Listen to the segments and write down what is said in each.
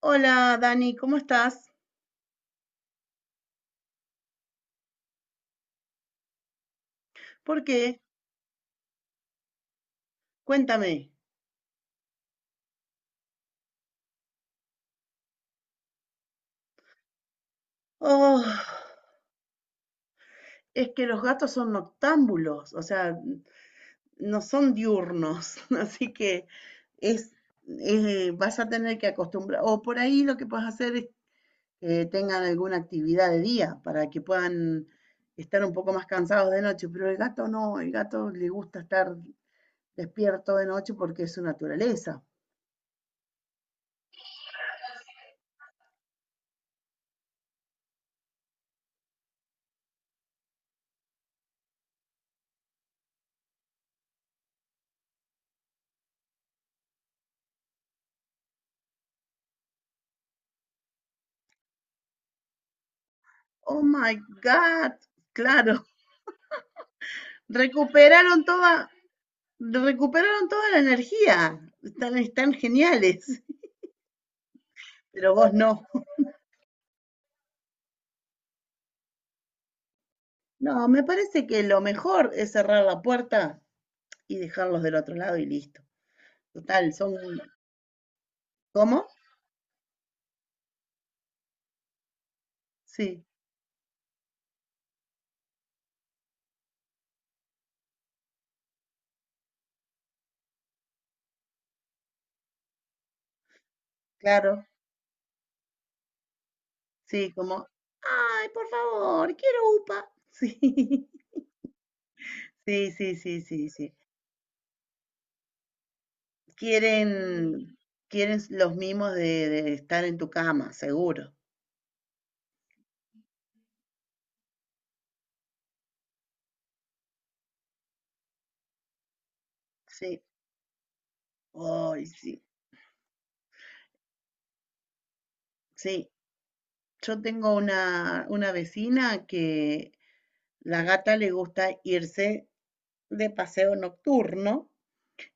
Hola, Dani, ¿cómo estás? ¿Por qué? Cuéntame. Oh, es que los gatos son noctámbulos, o sea, no son diurnos, así que es, vas a tener que acostumbrar, o por ahí lo que puedes hacer es que tengan alguna actividad de día para que puedan estar un poco más cansados de noche, pero el gato no, el gato le gusta estar despierto de noche porque es su naturaleza. Oh my God, claro, recuperaron toda, recuperaron toda la energía. Están, están geniales. Pero vos no. No, me parece que lo mejor es cerrar la puerta y dejarlos del otro lado y listo. Total, son... ¿Cómo? Sí, claro. Sí, como... Ay, por favor, quiero UPA. Sí, sí, sí, sí, sí, sí. Quieren, quieren los mimos de estar en tu cama, seguro. Sí, ay, sí, sí. Yo tengo una vecina que la gata le gusta irse de paseo nocturno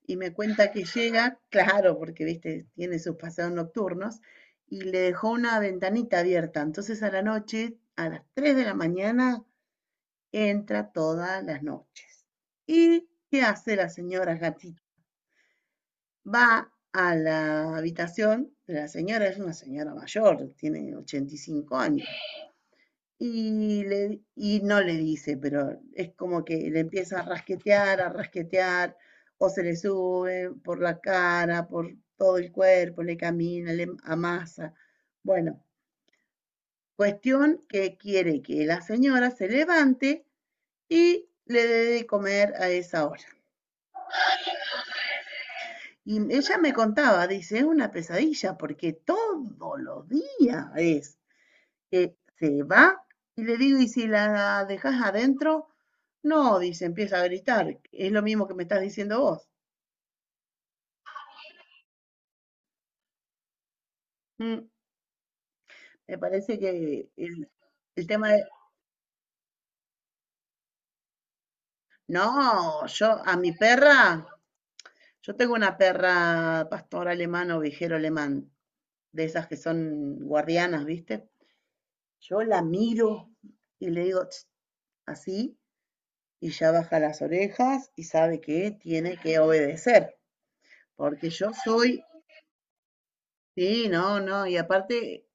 y me cuenta que llega, claro, porque viste, tiene sus paseos nocturnos, y le dejó una ventanita abierta. Entonces a la noche, a las 3 de la mañana, entra todas las noches. ¿Y qué hace la señora gatita? Va a la habitación de la señora, es una señora mayor, tiene 85 años. Y, le, y no le dice, pero es como que le empieza a rasquetear, o se le sube por la cara, por todo el cuerpo, le camina, le amasa. Bueno, cuestión que quiere que la señora se levante y le dé de comer a esa hora. Y ella me contaba, dice, es una pesadilla porque todos los días es que se va y le digo, ¿y si la dejas adentro? No, dice, empieza a gritar. Es lo mismo que me estás diciendo vos. Mm, me parece que el tema de... No, yo a mi perra, yo tengo una perra pastor alemán o vigero alemán, de esas que son guardianas, ¿viste? Yo la miro y le digo "Tss", así, y ya baja las orejas y sabe que tiene que obedecer, porque yo soy sí, no, no, y aparte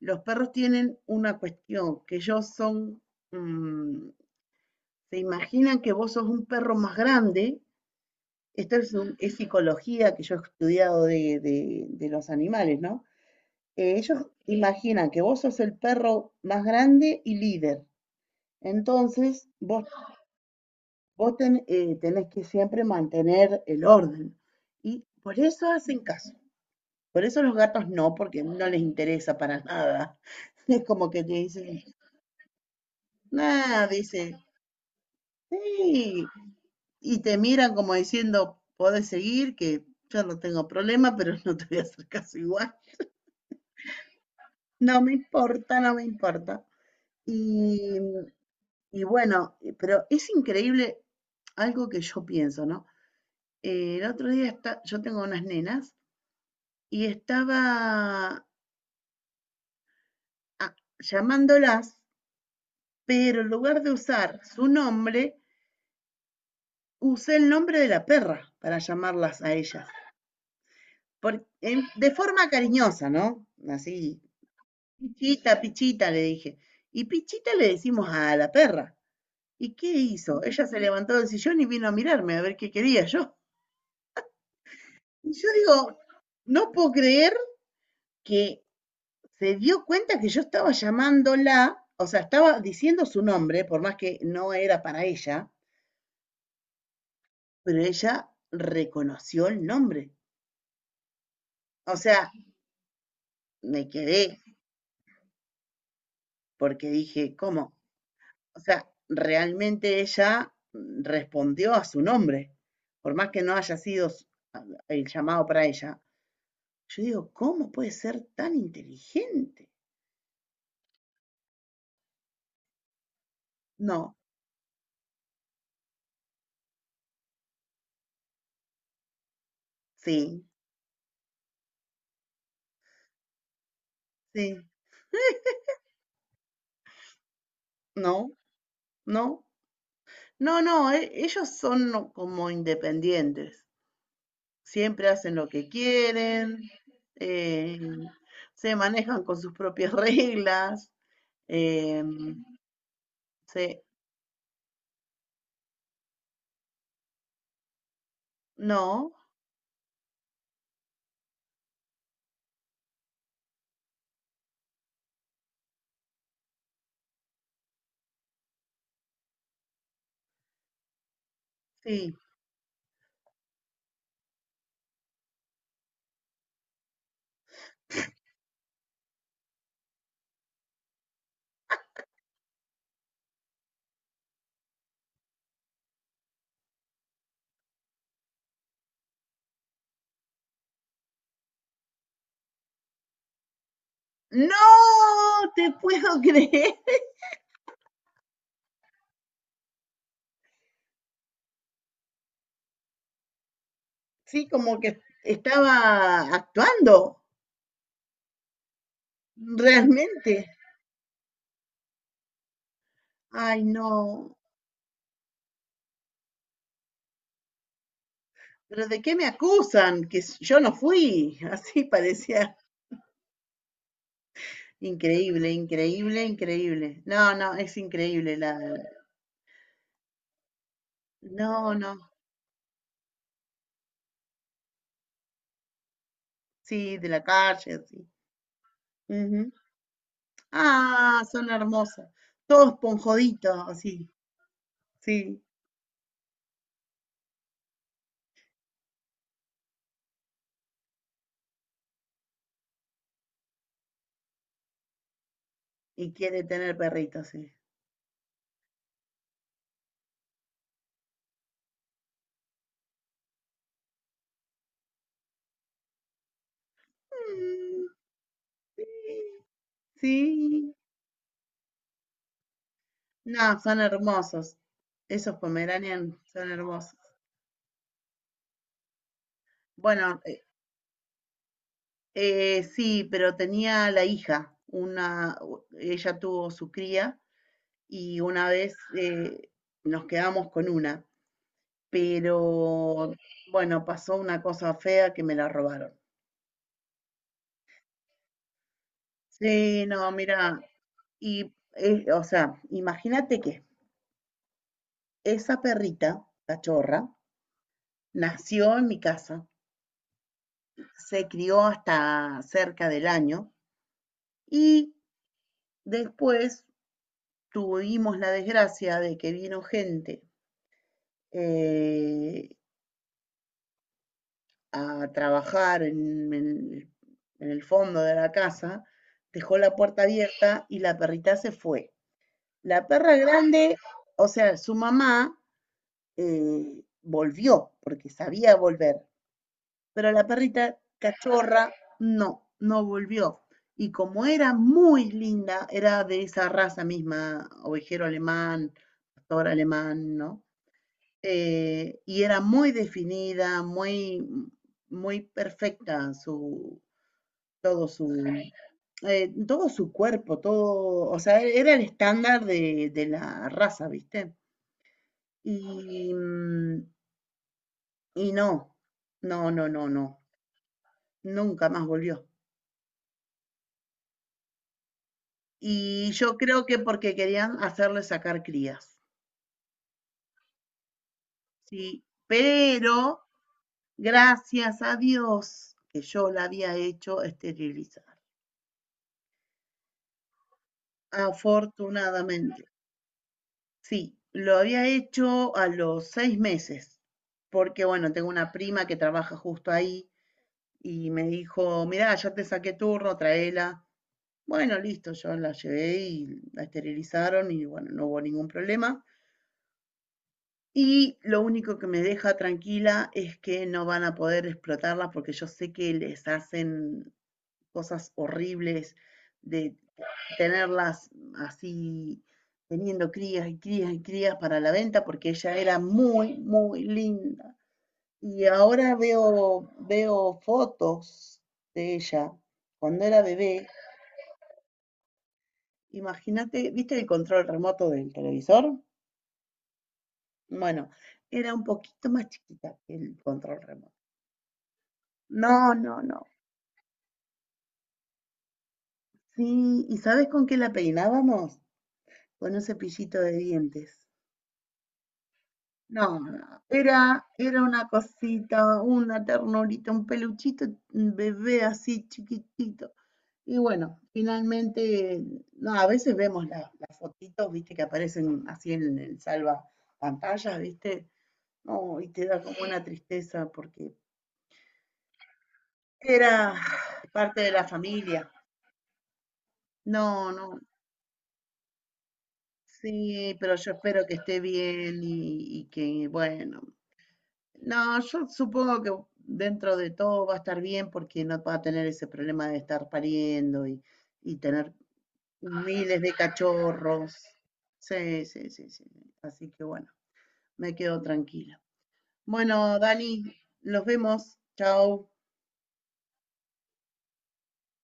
los perros tienen una cuestión, que ellos son, mm, se imaginan que vos sos un perro más grande, esto es, es psicología que yo he estudiado de, de los animales, ¿no? Ellos imaginan que vos sos el perro más grande y líder, entonces vos, vos tenés que siempre mantener el orden, y por eso hacen caso. Por eso los gatos no, porque no les interesa para nada. Es como que te dicen, nada, dice, sí. Y te miran como diciendo, podés seguir, que yo no tengo problema, pero no te voy a hacer caso igual. No me importa, no me importa. Y, y bueno, pero es increíble algo que yo pienso, ¿no? El otro día está, yo tengo unas nenas y estaba llamándolas, pero en lugar de usar su nombre, usé el nombre de la perra para llamarlas a ellas. De forma cariñosa, ¿no? Así, pichita, pichita, le dije. Y pichita le decimos a la perra. ¿Y qué hizo? Ella se levantó del sillón y vino a mirarme a ver qué quería yo. Y yo digo, no puedo creer que se dio cuenta que yo estaba llamándola, o sea, estaba diciendo su nombre, por más que no era para ella, pero ella reconoció el nombre. O sea, me quedé porque dije, ¿cómo? O sea, realmente ella respondió a su nombre, por más que no haya sido el llamado para ella. Yo digo, ¿cómo puede ser tan inteligente? No, sí, sí, no, no. No, no, ellos son como independientes, siempre hacen lo que quieren, eh, se manejan con sus propias reglas, em, se, no, sí. No te puedo creer. Sí, como que estaba actuando, realmente. Ay, no. Pero ¿de qué me acusan? Que yo no fui. Así parecía increíble, increíble, increíble. No, no, es increíble la... No, no. Sí, de la calle, así. Ujú. Ah, son hermosos. Todos esponjoditos, así. Sí. Y quiere tener perritos, sí. Mm, sí, sí. No, son hermosos. Esos Pomeranian son hermosos. Bueno, sí, pero tenía la hija, una, ella tuvo su cría y una vez nos quedamos con una, pero bueno, pasó una cosa fea que me la robaron. Sí, no, mira, y o sea, imagínate que esa perrita, cachorra, nació en mi casa, se crió hasta cerca del año y después tuvimos la desgracia de que vino gente eh, a trabajar en, en el fondo de la casa, dejó la puerta abierta y la perrita se fue. La perra grande, o sea, su mamá volvió, porque sabía volver, pero la perrita cachorra no, no volvió. Y como era muy linda, era de esa raza misma, ovejero alemán, pastor alemán, ¿no? Y era muy definida, muy, muy perfecta su, todo su, todo su cuerpo, todo, o sea, era el estándar de la raza, ¿viste? Y, y no, no, nunca más volvió. Y yo creo que porque querían hacerle sacar crías, ¿sí? Pero gracias a Dios que yo la había hecho esterilizar, afortunadamente. Sí, lo había hecho a los seis meses, porque bueno, tengo una prima que trabaja justo ahí y me dijo, mirá, ya te saqué turno, traela. Bueno, listo, yo la llevé y la esterilizaron y bueno, no hubo ningún problema. Y lo único que me deja tranquila es que no van a poder explotarlas porque yo sé que les hacen cosas horribles de tenerlas así, teniendo crías y crías y crías para la venta, porque ella era muy, muy linda. Y ahora veo, veo fotos de ella cuando era bebé. Imagínate, ¿viste el control remoto del televisor? Bueno, era un poquito más chiquita que el control remoto. No, no, no. Sí, ¿y sabes con qué la peinábamos? Con un cepillito de dientes. No, no, era, era una cosita, una ternurita, un peluchito, un bebé así chiquitito. Y bueno, finalmente, no, a veces vemos las fotitos, viste, que aparecen así en el salva pantallas, viste, no, y te da como una tristeza porque era parte de la familia. No, no, sí, pero yo espero que esté bien y que, bueno, no, yo supongo que dentro de todo va a estar bien porque no va a tener ese problema de estar pariendo y tener miles de cachorros. Sí, sí, sí, sí. Así que bueno, me quedo tranquila. Bueno, Dani, los vemos. Chao.